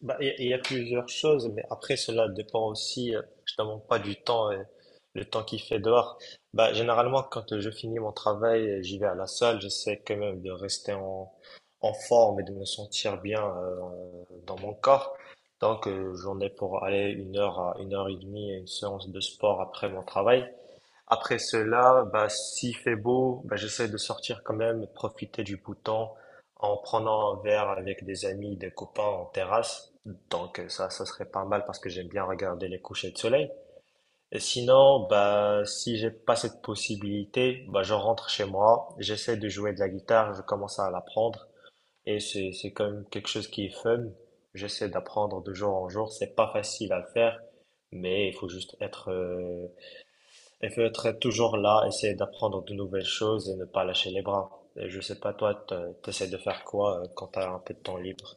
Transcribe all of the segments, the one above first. Bah, il y a plusieurs choses, mais après cela dépend aussi justement pas du temps, et le temps qu'il fait dehors. Bah, généralement, quand je finis mon travail, j'y vais à la salle, j'essaie quand même de rester en forme et de me sentir bien dans mon corps. Donc, j'en ai pour aller une heure à une heure et demie à une séance de sport après mon travail. Après cela, bah, s'il fait beau, bah, j'essaie de sortir quand même, profiter du beau temps en prenant un verre avec des amis, des copains en terrasse. Donc ça, ça serait pas mal parce que j'aime bien regarder les couchers de soleil. Et sinon, bah, si j'ai pas cette possibilité, bah, je rentre chez moi, j'essaie de jouer de la guitare, je commence à l'apprendre et c'est quand même quelque chose qui est fun. J'essaie d'apprendre de jour en jour, c'est pas facile à faire, mais il faut être toujours là, essayer d'apprendre de nouvelles choses et ne pas lâcher les bras. Et je sais pas, toi, tu essaies de faire quoi quand tu as un peu de temps libre?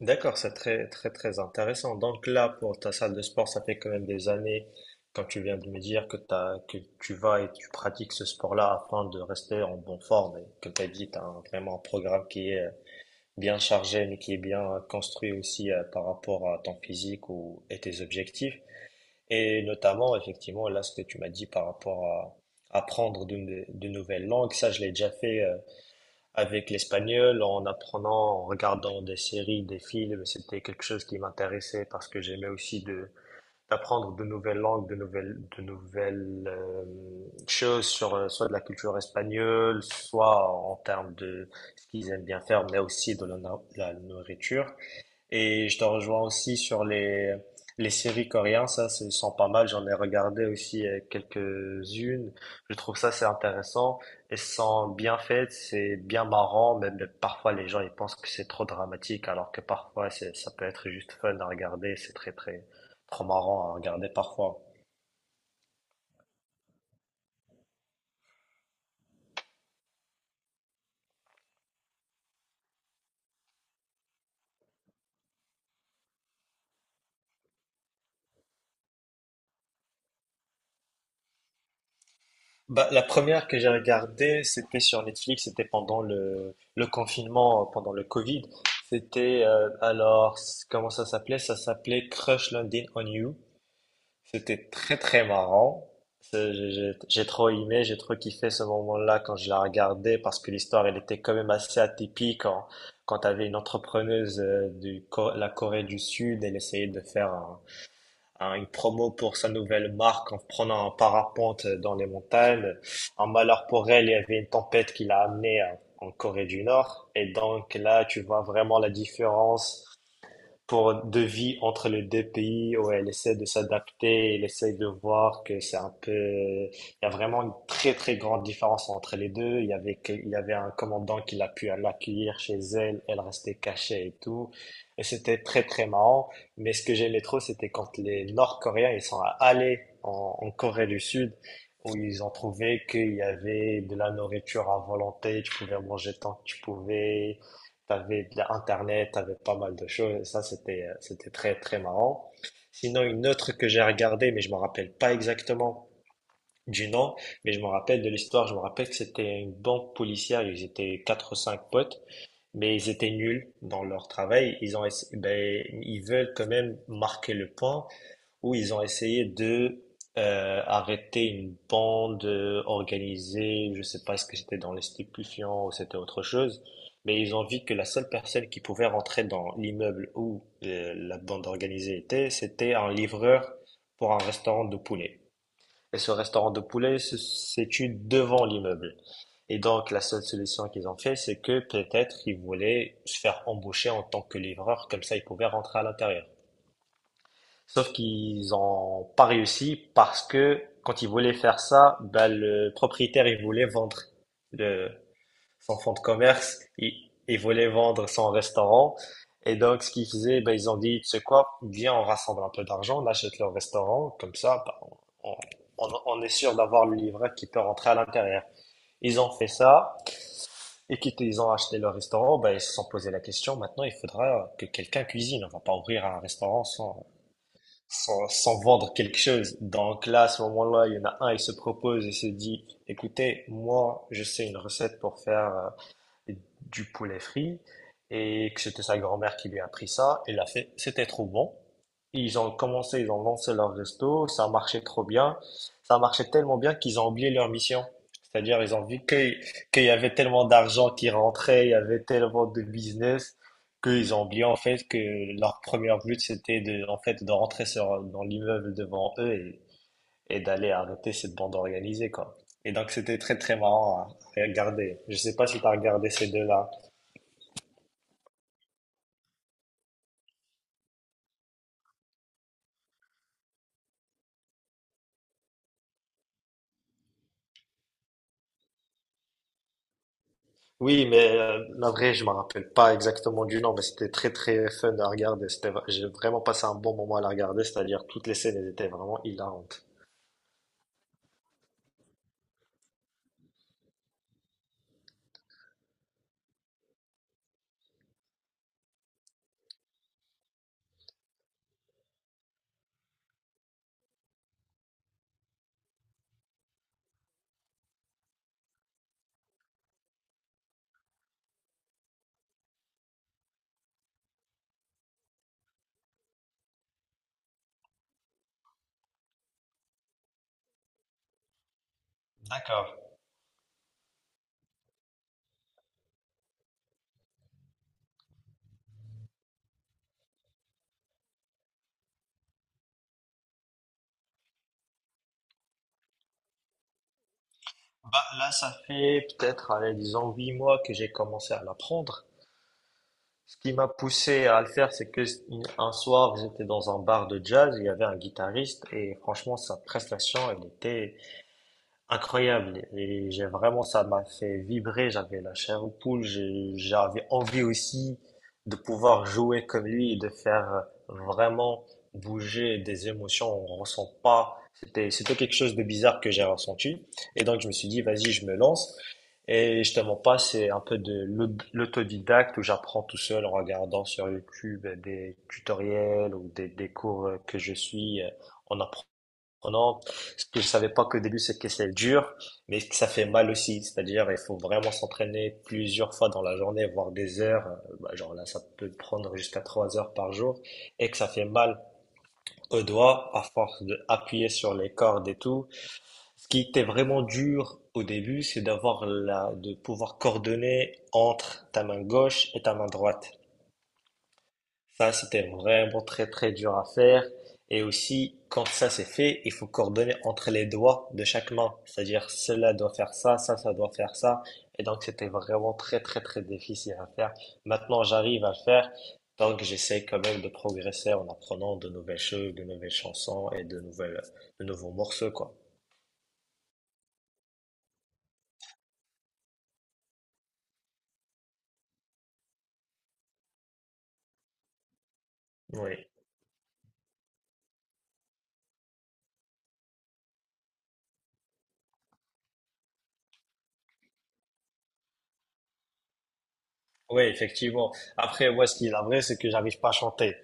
D'accord, c'est très, très, très intéressant. Donc là, pour ta salle de sport, ça fait quand même des années, quand tu viens de me dire que tu vas et tu pratiques ce sport-là afin de rester en bonne forme et que tu as dit, tu as vraiment un programme qui est bien chargé, mais qui est bien construit aussi par rapport à ton physique ou, et tes objectifs. Et notamment, effectivement, là, ce que tu m'as dit par rapport à apprendre de, no-, de nouvelles langues, ça, je l'ai déjà fait avec l'espagnol, en apprenant, en regardant des séries, des films. C'était quelque chose qui m'intéressait parce que j'aimais aussi de d'apprendre de nouvelles langues, de nouvelles choses sur soit de la culture espagnole, soit en termes de ce qu'ils aiment bien faire, mais aussi de la, no-, la nourriture. Et je te rejoins aussi sur les séries coréennes, ça, ce sont pas mal. J'en ai regardé aussi quelques-unes. Je trouve ça, c'est intéressant. Elles sont bien faites, c'est bien marrant, même parfois les gens, ils pensent que c'est trop dramatique, alors que parfois, c'est, ça peut être juste fun à regarder. C'est très, très, trop marrant à regarder parfois. Bah, la première que j'ai regardée, c'était sur Netflix, c'était pendant le confinement, pendant le Covid. C'était, alors, comment ça s'appelait? Ça s'appelait Crush Landing on You. C'était très très marrant. J'ai trop aimé, j'ai trop kiffé ce moment-là quand je la regardais parce que l'histoire, elle était quand même assez atypique quand t'avais une entrepreneuse de la Corée du Sud, elle essayait de faire une promo pour sa nouvelle marque en prenant un parapente dans les montagnes. En malheur pour elle, il y avait une tempête qui l'a amenée hein, en Corée du Nord. Et donc là, tu vois vraiment la différence pour de vie entre les deux pays où elle essaie de s'adapter, elle essaie de voir que c'est un peu, il y a vraiment une très très grande différence entre les deux. Il y avait un commandant qui l'a pu l'accueillir chez elle, elle restait cachée et tout. Et c'était très très marrant. Mais ce que j'aimais trop, c'était quand les Nord-Coréens, ils sont allés en Corée du Sud, où ils ont trouvé qu'il y avait de la nourriture à volonté, tu pouvais manger tant que tu pouvais, t'avais de l'internet, t'avais pas mal de choses. Ça, c'était très, très marrant. Sinon, une autre que j'ai regardée, mais je me rappelle pas exactement du nom, mais je me rappelle de l'histoire. Je me rappelle que c'était une banque policière. Ils étaient quatre ou cinq potes, mais ils étaient nuls dans leur travail. Ils ont, essa- ben, ils veulent quand même marquer le point où ils ont essayé de arrêter une bande organisée, je sais pas ce que c'était dans les stupéfiants ou c'était autre chose, mais ils ont vu que la seule personne qui pouvait rentrer dans l'immeuble où la bande organisée était, c'était un livreur pour un restaurant de poulet. Et ce restaurant de poulet se situe devant l'immeuble. Et donc la seule solution qu'ils ont fait, c'est que peut-être ils voulaient se faire embaucher en tant que livreur, comme ça ils pouvaient rentrer à l'intérieur. Sauf qu'ils ont pas réussi parce que quand ils voulaient faire ça, ben le propriétaire, il voulait vendre le, son fonds de commerce, il voulait vendre son restaurant. Et donc, ce qu'ils faisaient, ben ils ont dit, tu sais quoi, viens, on rassemble un peu d'argent, on achète le restaurant, comme ça, bah, on, on est sûr d'avoir le livret qui peut rentrer à l'intérieur. Ils ont fait ça, et quand ils ont acheté le restaurant, ben ils se sont posé la question, maintenant, il faudra que quelqu'un cuisine. On va pas ouvrir un restaurant sans vendre quelque chose. Donc là, à ce moment-là, il y en a un, il se propose et se dit, écoutez, moi, je sais une recette pour faire du poulet frit et que c'était sa grand-mère qui lui a appris ça. Et l'a fait, c'était trop bon. Ils ont commencé, ils ont lancé leur resto, ça marchait trop bien. Ça marchait tellement bien qu'ils ont oublié leur mission. C'est-à-dire, ils ont vu qu'il y avait tellement d'argent qui rentrait, il y avait tellement de business, qu'ils ont oublié en fait que leur premier but c'était de, en fait, de rentrer dans l'immeuble devant eux et d'aller arrêter cette bande organisée, quoi. Et donc, c'était très, très marrant à regarder. Je sais pas si tu as regardé ces deux-là. Oui, mais la vraie, je me rappelle pas exactement du nom, mais c'était très, très fun à regarder. J'ai vraiment passé un bon moment à la regarder, c'est-à-dire toutes les scènes elles étaient vraiment hilarantes. D'accord. Bah, là, ça fait peut-être, allez, disons, 8 mois que j'ai commencé à l'apprendre. Ce qui m'a poussé à le faire, c'est que un soir, j'étais dans un bar de jazz, il y avait un guitariste, et franchement, sa prestation, elle était incroyable et j'ai vraiment ça m'a fait vibrer, j'avais la chair aux poules, j'avais envie aussi de pouvoir jouer comme lui et de faire vraiment bouger des émotions, on ressent pas, c'était quelque chose de bizarre que j'ai ressenti et donc je me suis dit vas-y, je me lance et je te mens pas, c'est un peu de l'autodidacte où j'apprends tout seul en regardant sur YouTube des tutoriels ou des cours que je suis en apprenant. Oh non, ce que je savais pas qu'au début c'est que c'est dur, mais que ça fait mal aussi. C'est-à-dire, il faut vraiment s'entraîner plusieurs fois dans la journée, voire des heures. Bah, genre là, ça peut prendre jusqu'à 3 heures par jour et que ça fait mal aux doigts à force de appuyer sur les cordes et tout. Ce qui était vraiment dur au début, c'est d'avoir la, de pouvoir coordonner entre ta main gauche et ta main droite. Ça, c'était vraiment très très dur à faire. Et aussi, quand ça c'est fait, il faut coordonner entre les doigts de chaque main. C'est-à-dire, cela doit faire ça, ça, ça doit faire ça. Et donc, c'était vraiment très très très difficile à faire. Maintenant, j'arrive à le faire. Donc, j'essaie quand même de progresser en apprenant de nouvelles choses, de nouvelles chansons et de nouvelles, de nouveaux morceaux, quoi. Oui. Oui, effectivement. Après, moi, ce qui est vrai, c'est que j'arrive pas à chanter.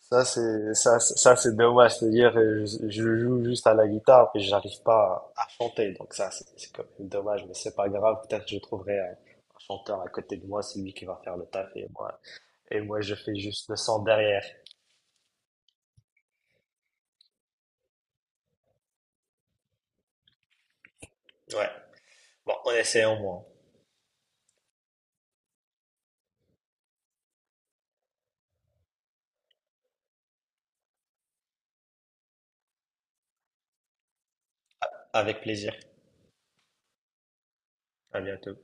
Ça, c'est dommage. C'est-à-dire, je joue juste à la guitare et j'arrive pas à chanter. Donc ça, c'est quand même dommage, mais c'est pas grave. Peut-être que je trouverai un chanteur à côté de moi, celui qui va faire le taf et moi, je fais juste le son derrière. Ouais. Bon, on essaie au moins. Avec plaisir. À bientôt.